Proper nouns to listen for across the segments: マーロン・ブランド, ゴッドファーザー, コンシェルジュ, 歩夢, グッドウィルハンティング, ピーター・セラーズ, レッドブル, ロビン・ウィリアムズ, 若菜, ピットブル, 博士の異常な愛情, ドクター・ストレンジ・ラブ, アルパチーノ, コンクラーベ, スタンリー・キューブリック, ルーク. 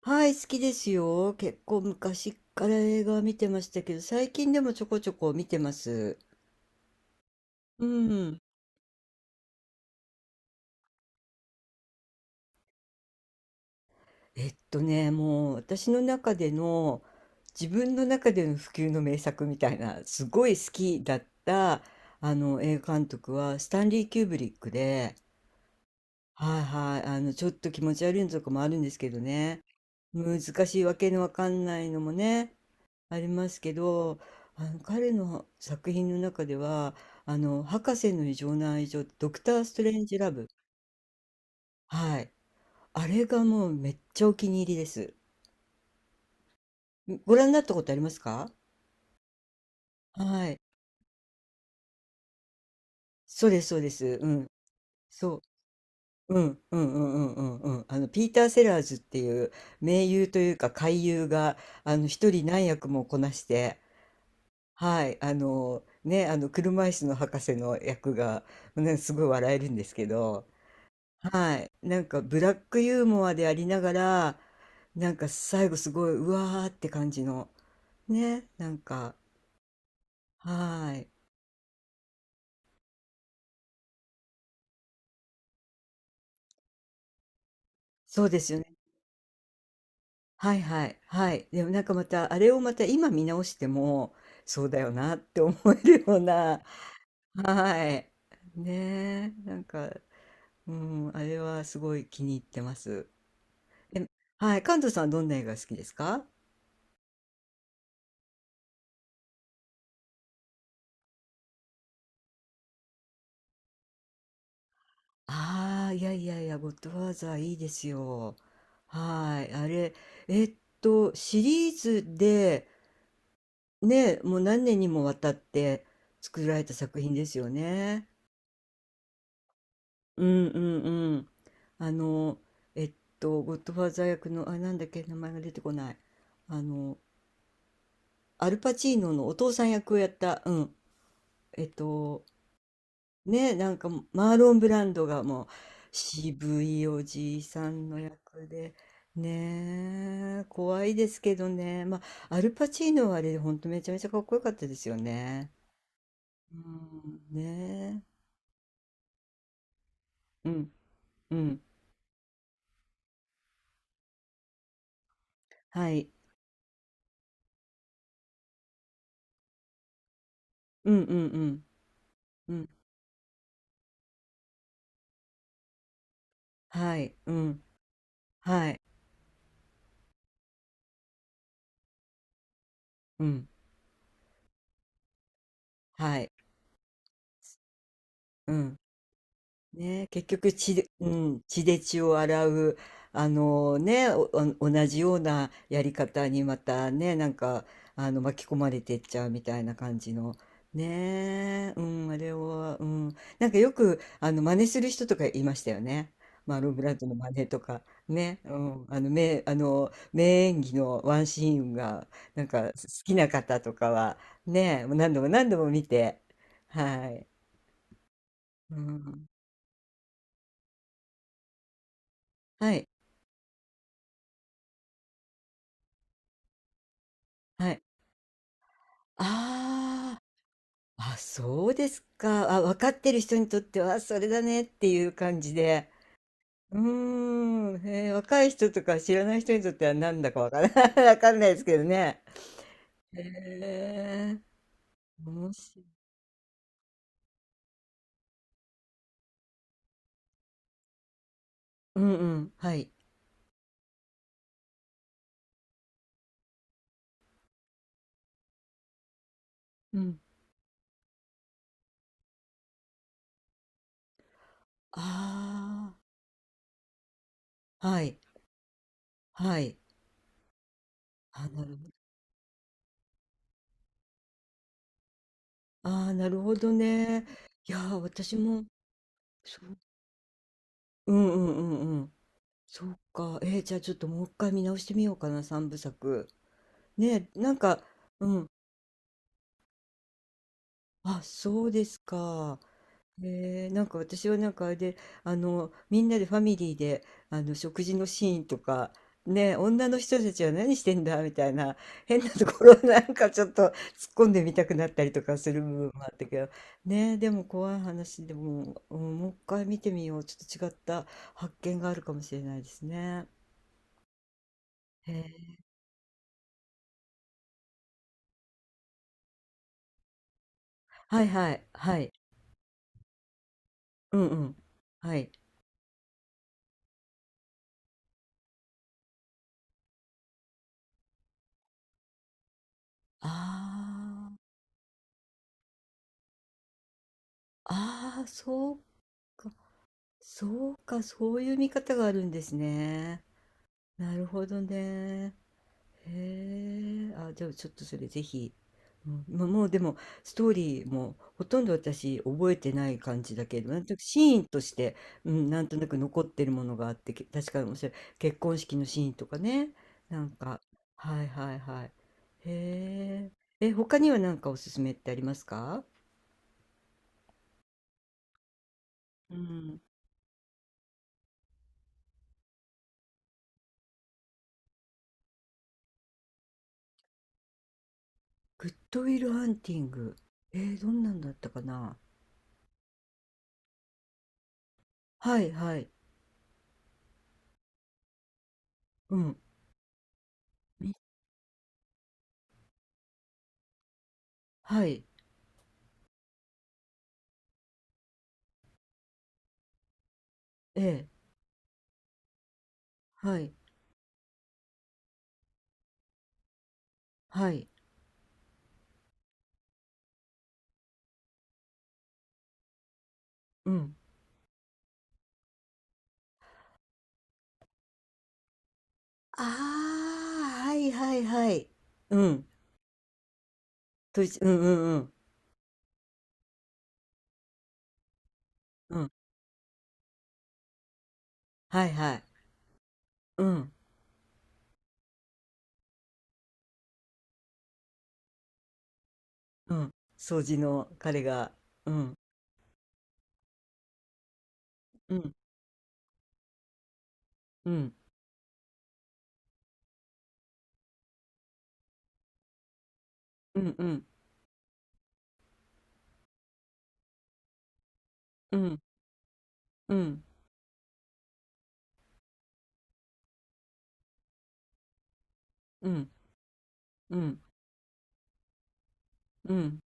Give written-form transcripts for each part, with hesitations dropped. はい、好きですよ。結構昔から映画は見てましたけど、最近でもちょこちょこ見てます。うん。もう私の中での、自分の中での不朽の名作みたいな、すごい好きだった、あの、映画監督は、スタンリー・キューブリックで、はいはい、ちょっと気持ち悪いのとかもあるんですけどね。難しいわけのわかんないのもね、ありますけど、あの彼の作品の中では、あの「博士の異常な愛情」ドクター・ストレンジ・ラブ、はい。あれがもうめっちゃお気に入りです。ご覧になったことありますか？はい。そうですそうです。うん。そう。うんうんうんうんうんうん。あのピーター・セラーズっていう名優というか怪優が、あの一人何役もこなして、はい、あの車椅子の博士の役が、ね、すごい笑えるんですけど。はい。なんかブラックユーモアでありながら、なんか最後すごい、うわーって感じの。ね。なんか、はい。そうですよね。はいはいはい。でもなんかまた、あれをまた今見直しても、そうだよなって思えるような。はい。ねえ。なんか、うん、あれはすごい気に入ってます。え、はい。関東さんはどんな映画好きですか？ああ、いやいやいや、ゴッドファーザーいいですよ。はい。あれ、えっシリーズで、ね、もう何年にもわたって作られた作品ですよね。うんうんうん。あの、えっゴッドファーザー役の、あ、なんだっけ、名前が出てこない。あの、アルパチーノのお父さん役をやった、うん。えっと、ね、なんかもマーロン・ブランドがもう渋いおじいさんの役で、ねえ、怖いですけどね、まあ、アルパチーノはあれ、ほんとめちゃめちゃかっこよかったですよね。うん、ねえ、うん、うん、はい、うん、うん、うん、うん、はい、うん、はい、うん、はい、うん。ね、結局血で、うん、血で血を洗う、あのね、お、同じようなやり方にまたね、なんか、巻き込まれてっちゃうみたいな感じの、ねえ、うん、あれは、うん、なんかよく、あの、真似する人とかいましたよね。マロン・ブランドの真似とか、ね、うん、名演技のワンシーンが、なんか好きな方とかは、ね、もう何度も何度も見て、はい、うん、はい、はい。ああ、あ、そうですか。あ、分かってる人にとっては、それだねっていう感じで。うーん、へー若い人とか知らない人にとってはなんだかわからない、わかんないですけどね。へえ、面もしうんうん、はい。うん。ああ、はい、はい。あ、なるほど。ああ、なるほどね。いやー、私も、そう、うんうんうんうん。そうか。じゃあちょっともう一回見直してみようかな、三部作。ねえ、なんか、うん、あ、そうですか。なんか私はなんかあれで、みんなでファミリーで、あの、食事のシーンとか、ねえ、女の人たちは何してんだみたいな、変なところをなんかちょっと突っ込んでみたくなったりとかする部分もあったけど、ねえ、でも怖い話でも、うん、もう一回見てみよう。ちょっと違った発見があるかもしれないですね。へえ、はいはい、はい。うんうん。はい。ああ、ああ、そうか、そうか、そういう見方があるんですね。なるほどね。へえ、あ、じゃあちょっとそれぜひ。うん、ま、もうでもストーリーもほとんど私覚えてない感じだけど、なんとなくシーンとして、うん、なんとなく残ってるものがあって、確かに面白い。結婚式のシーンとかね。なんか、はいはいはい。へえ。他には何かおすすめってありますか？うん。グッドウィルハンティング。どんなんだったかな。はいはい。うん。みはい。ええ。はい。はい。うん。ああ、はいはいはい。うん。というんうんうん。うん。はいはい。うん。うん。掃除の彼が、うん。うん。うん。うんうん。うん。うん。うん。うん。うん。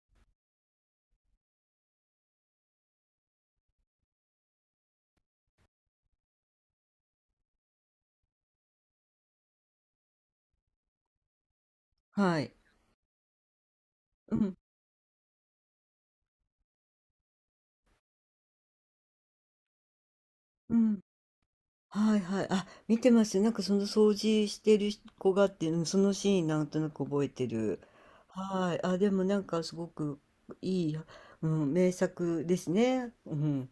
はい。うん。うん。はいはい。あ、見てますよ。なんかその掃除してる子がっていうの、そのシーンなんとなく覚えてる。はい。あ、でもなんかすごくいい、うん、名作ですね。うん。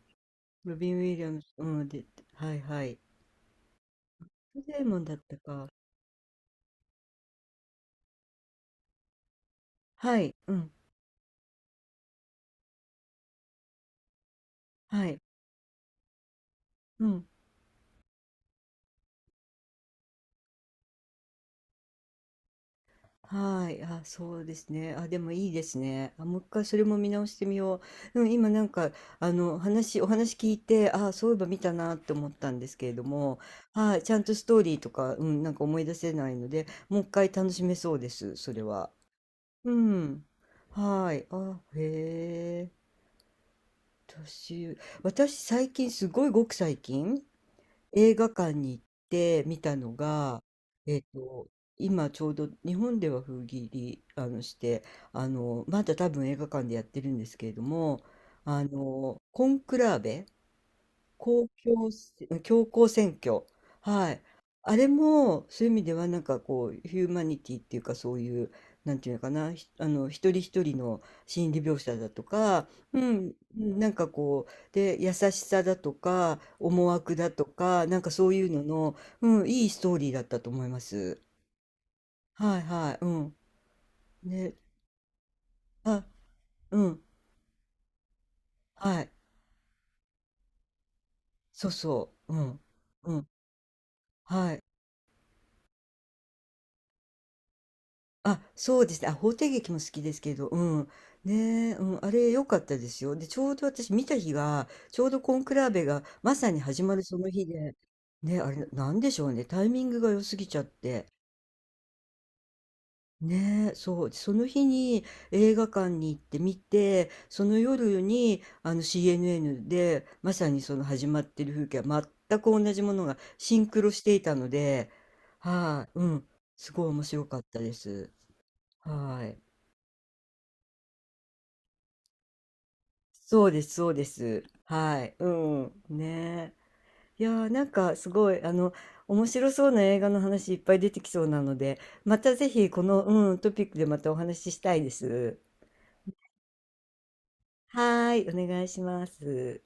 ロビン・ウィリアムズ、うん、で、はいはい。デーモンだったか。はい。うん。はい。うん。はい、あ、そうですね。あ、でもいいですね。あ、もう一回それも見直してみよう。うん、今なんか、お話聞いて、あ、そういえば見たなって思ったんですけれども、はい、ちゃんとストーリーとか、うん、なんか思い出せないので、もう一回楽しめそうです、それは。うん。はい。あ、へえ。私、私最近、すごいごく最近、映画館に行って見たのが、えっと、今ちょうど日本では封切りして、まだ多分映画館でやってるんですけれども、あの、コンクラーベ公共せ、教皇選挙。はい。あれも、そういう意味では、なんかこう、ヒューマニティっていうか、そういう、なんていうのかな、ひあの、一人一人の心理描写だとか、うん、うんなんかこう、で、優しさだとか、思惑だとか、なんかそういうのの、うん、いいストーリーだったと思います。はいはい、うん。ね、あ、うん、はい、そうそう、うん、うん、はい。あ、そうですね。あ、法廷劇も好きですけど、うん。ねえ、うん、あれ良かったですよ。で、ちょうど私見た日が、ちょうどコンクラーベがまさに始まるその日で、ね、あれ、なんでしょうね。タイミングが良すぎちゃって。ねえ、そう。その日に映画館に行って見て、その夜に、あの CNN で、まさにその始まってる風景は全く同じものがシンクロしていたので、はい、うん。すごい面白かったです。はい。そうです、そうです。はい。うん。ねえ。いやー、なんかすごい、面白そうな映画の話いっぱい出てきそうなので、またぜひこの、うん、トピックでまたお話ししたいです。はーい、お願いします。